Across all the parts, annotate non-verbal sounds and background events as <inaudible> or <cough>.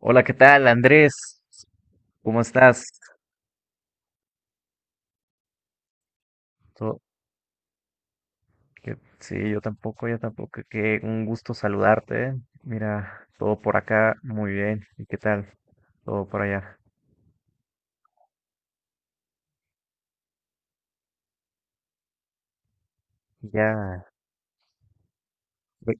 Hola, ¿qué tal, Andrés? ¿Cómo estás? To- Sí, yo tampoco. Qué un gusto saludarte. Mira, todo por acá, muy bien. ¿Y qué tal? Todo por allá. Ya. ve-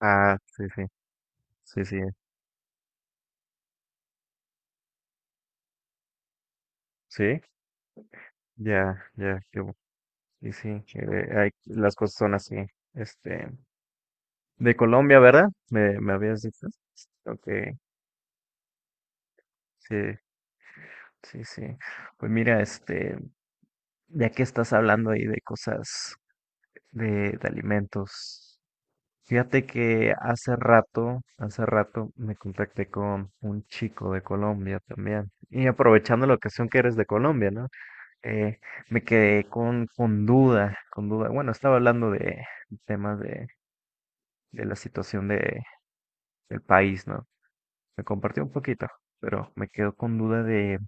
Ah, sí, sí. Ya, ya, qué bu- Y sí, que hay, las cosas son así. Este, de Colombia, ¿verdad? Me habías dicho. Ok, sí, sí, sí. Pues mira, este, ya que estás hablando ahí de cosas de alimentos. Fíjate que hace rato me contacté con un chico de Colombia también. Y aprovechando la ocasión que eres de Colombia, ¿no? Eh, me quedé con duda. Bueno, estaba hablando de temas de la situación de, del país, ¿no? Me compartió un poquito, pero me quedo con duda de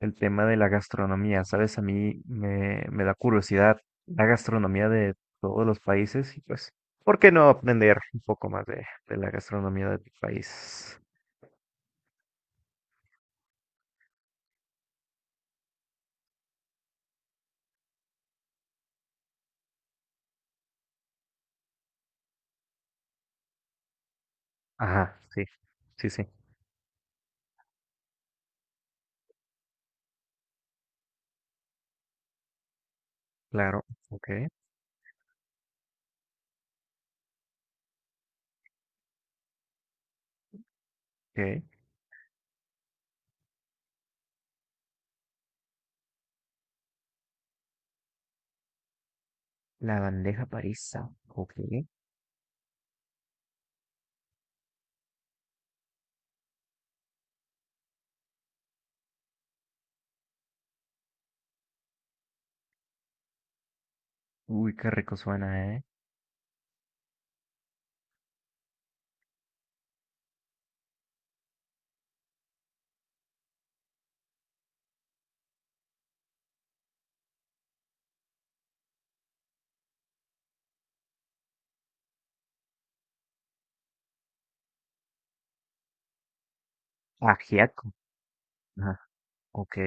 el tema de la gastronomía, ¿sabes? A mí me da curiosidad la gastronomía de todos los países y pues, ¿por qué no aprender un poco más de la gastronomía de tu país? Ajá, sí, sí, sí, claro, ok, ok. La bandeja paisa, ok. Uy, qué rico suena, ¿eh? Ajiaco, ajá, ok,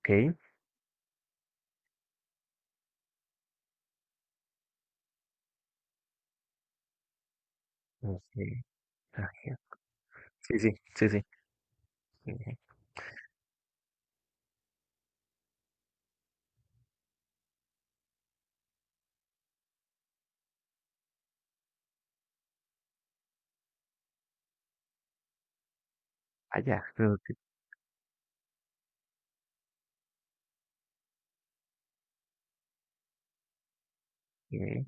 ok, ok, ajiaco. Sí, sí, sí, sí. eh, Allá, creo que, eh,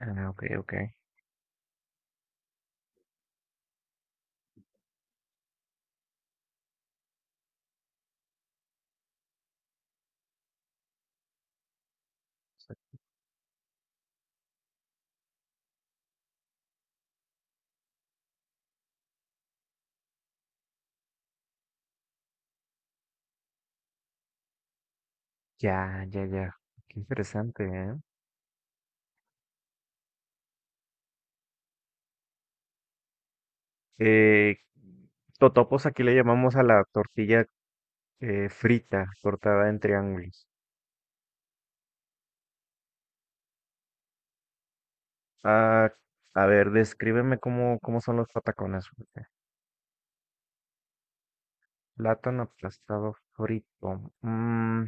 ah, ok, ok. Ya, ya, ya. Qué interesante, ¿eh? Eh, Totopos aquí le llamamos a la tortilla frita, cortada en triángulos. Ah, a ver, descríbeme cómo son los patacones. Fíjate. Plátano aplastado frito. Mm,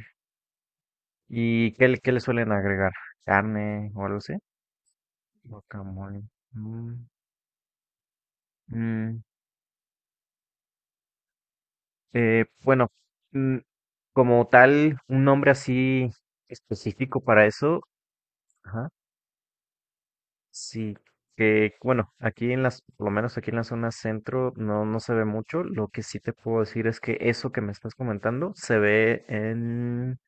¿qué le suelen agregar? ¿Carne o algo así? Guacamole. Mm, mm, bueno, mm, como tal, un nombre así específico para eso. Ajá, sí, que bueno, aquí en las, por lo menos aquí en la zona centro no, no se ve mucho. Lo que sí te puedo decir es que eso que me estás comentando se ve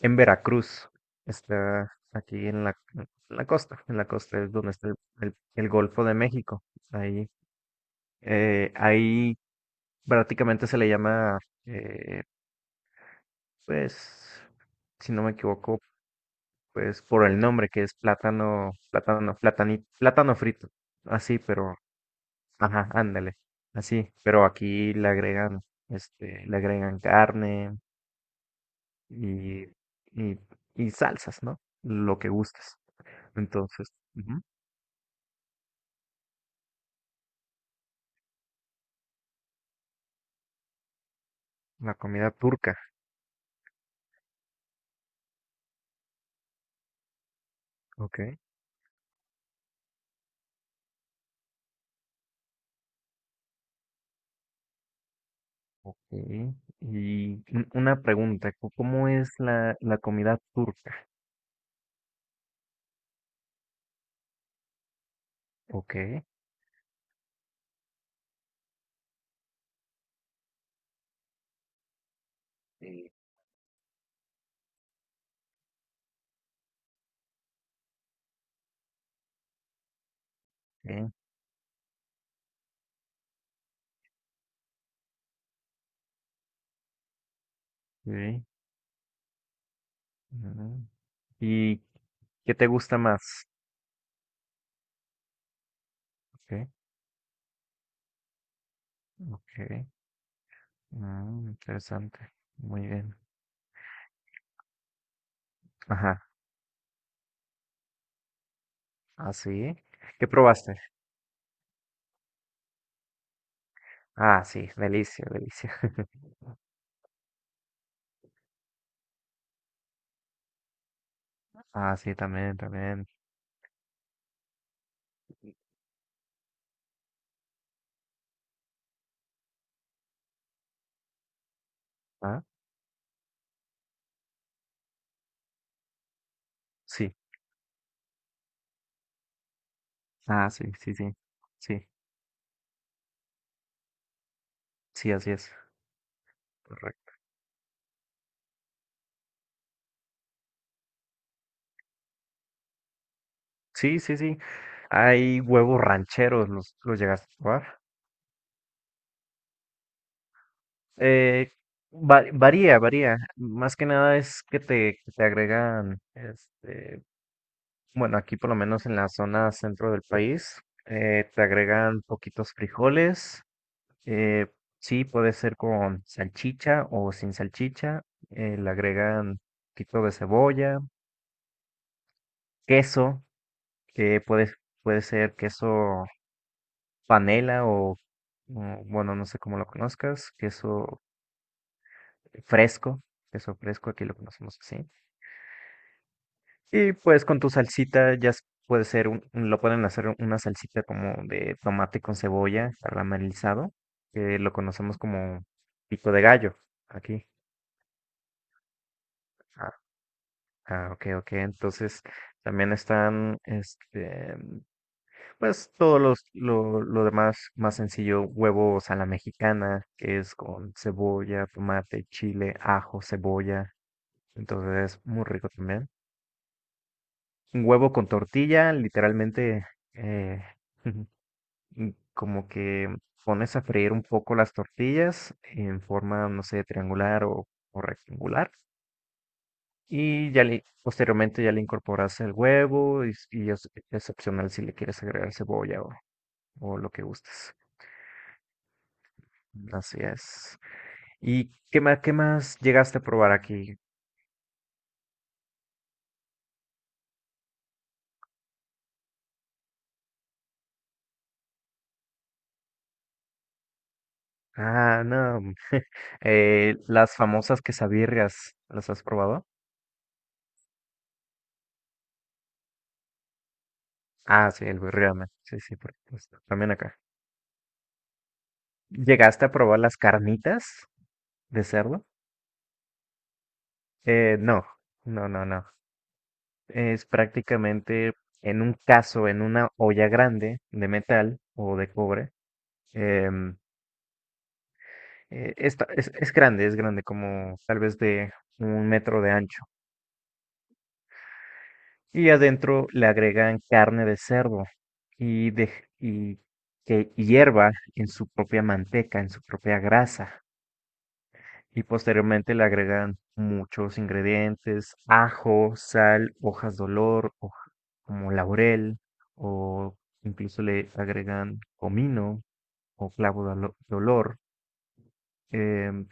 en Veracruz. Está aquí en la costa es donde está el Golfo de México. Ahí, ahí prácticamente se le llama, eh, pues, si no me equivoco, pues por el nombre que es plátano, plátano, platanito, plátano frito. Así, pero ajá, ándale, así, pero aquí le agregan, este, le agregan carne y, y, y salsas, ¿no? Lo que gustes. Entonces, ujú, la comida turca, ok. Ok. Y una pregunta, ¿cómo es la, la comida turca? Ok. Sí. Ok, ok, mm. ¿Y qué te gusta más? Ok, ok, mm, interesante, muy bien. Ajá, así. ¿Qué probaste? Ah, sí, delicia, delicia. <laughs> Ah, sí, también, también. Ah, sí. Ah, sí, sí, sí. Sí, sí, así es. Correcto. Sí, sí, sí. Hay huevos rancheros, los llegaste a probar. Eh, Varía, varía. Más que nada es que te agregan, este, bueno, aquí por lo menos en la zona centro del país, te agregan poquitos frijoles. Eh, sí, puede ser con salchicha o sin salchicha. Eh, le agregan un poquito de cebolla, queso, que puede, puede ser queso panela o, mm, bueno, no sé cómo lo conozcas, fresco, queso fresco, aquí lo conocemos así. Y pues con tu salsita puede ser, lo pueden hacer una salsita como de tomate con cebolla caramelizado, que lo conocemos como pico de gallo aquí. Ah, ah, ok, ok. Entonces también están, este, pues lo demás más sencillo, huevos a la mexicana, que es con cebolla, tomate, chile, ajo, cebolla. Entonces, muy rico también. Un huevo con tortilla, literalmente, eh, <laughs> y como que pones a freír un poco las tortillas en forma, no sé, triangular o rectangular. Y ya le, posteriormente ya le incorporas el huevo y, y es opcional si le quieres agregar cebolla o lo que gustes. Así es. ¿Y qué más llegaste a probar aquí? Ah, no. <laughs> Eh, las famosas quesabirrias, ¿las has probado? Ah, sí, el birriame. Sí, sí, por supuesto. También acá. ¿Llegaste a probar las carnitas de cerdo? Eh, no, no. Es prácticamente en un caso, en una olla grande de metal o de cobre. Em, es grande, como tal vez de un metro de ancho. Y adentro le agregan carne de cerdo y, de, y que hierva en su propia manteca, en su propia grasa. Y posteriormente le agregan muchos ingredientes, ajo, sal, hojas de olor, como laurel, o incluso le agregan comino o de olor, em,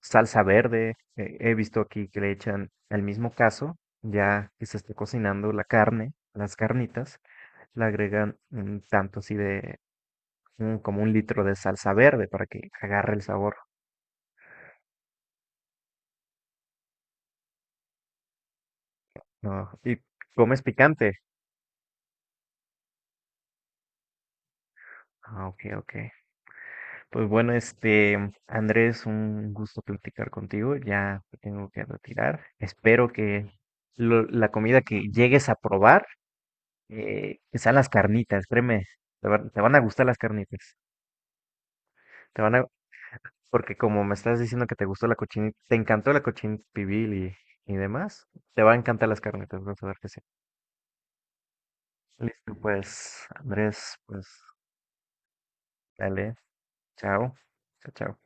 salsa verde. Eh, he visto aquí que le echan el mismo caso, ya que se esté cocinando la carne, las carnitas, le agregan un tanto así de como un litro de salsa verde para que agarre el sabor. ¿No? Y comes picante. Ah, ok, ok. Pues bueno, este, Andrés, un gusto platicar contigo. Ya me tengo que retirar. Espero que la comida que llegues a probar, que sean las carnitas, créeme, te van a gustar las carnitas. Te van a, porque como me estás diciendo que te gustó la cochinita, te encantó la cochinita pibil y demás, te va a encantar las carnitas, vas a ver que sí. Listo, pues, Andrés, pues, dale, chao, chao, chao.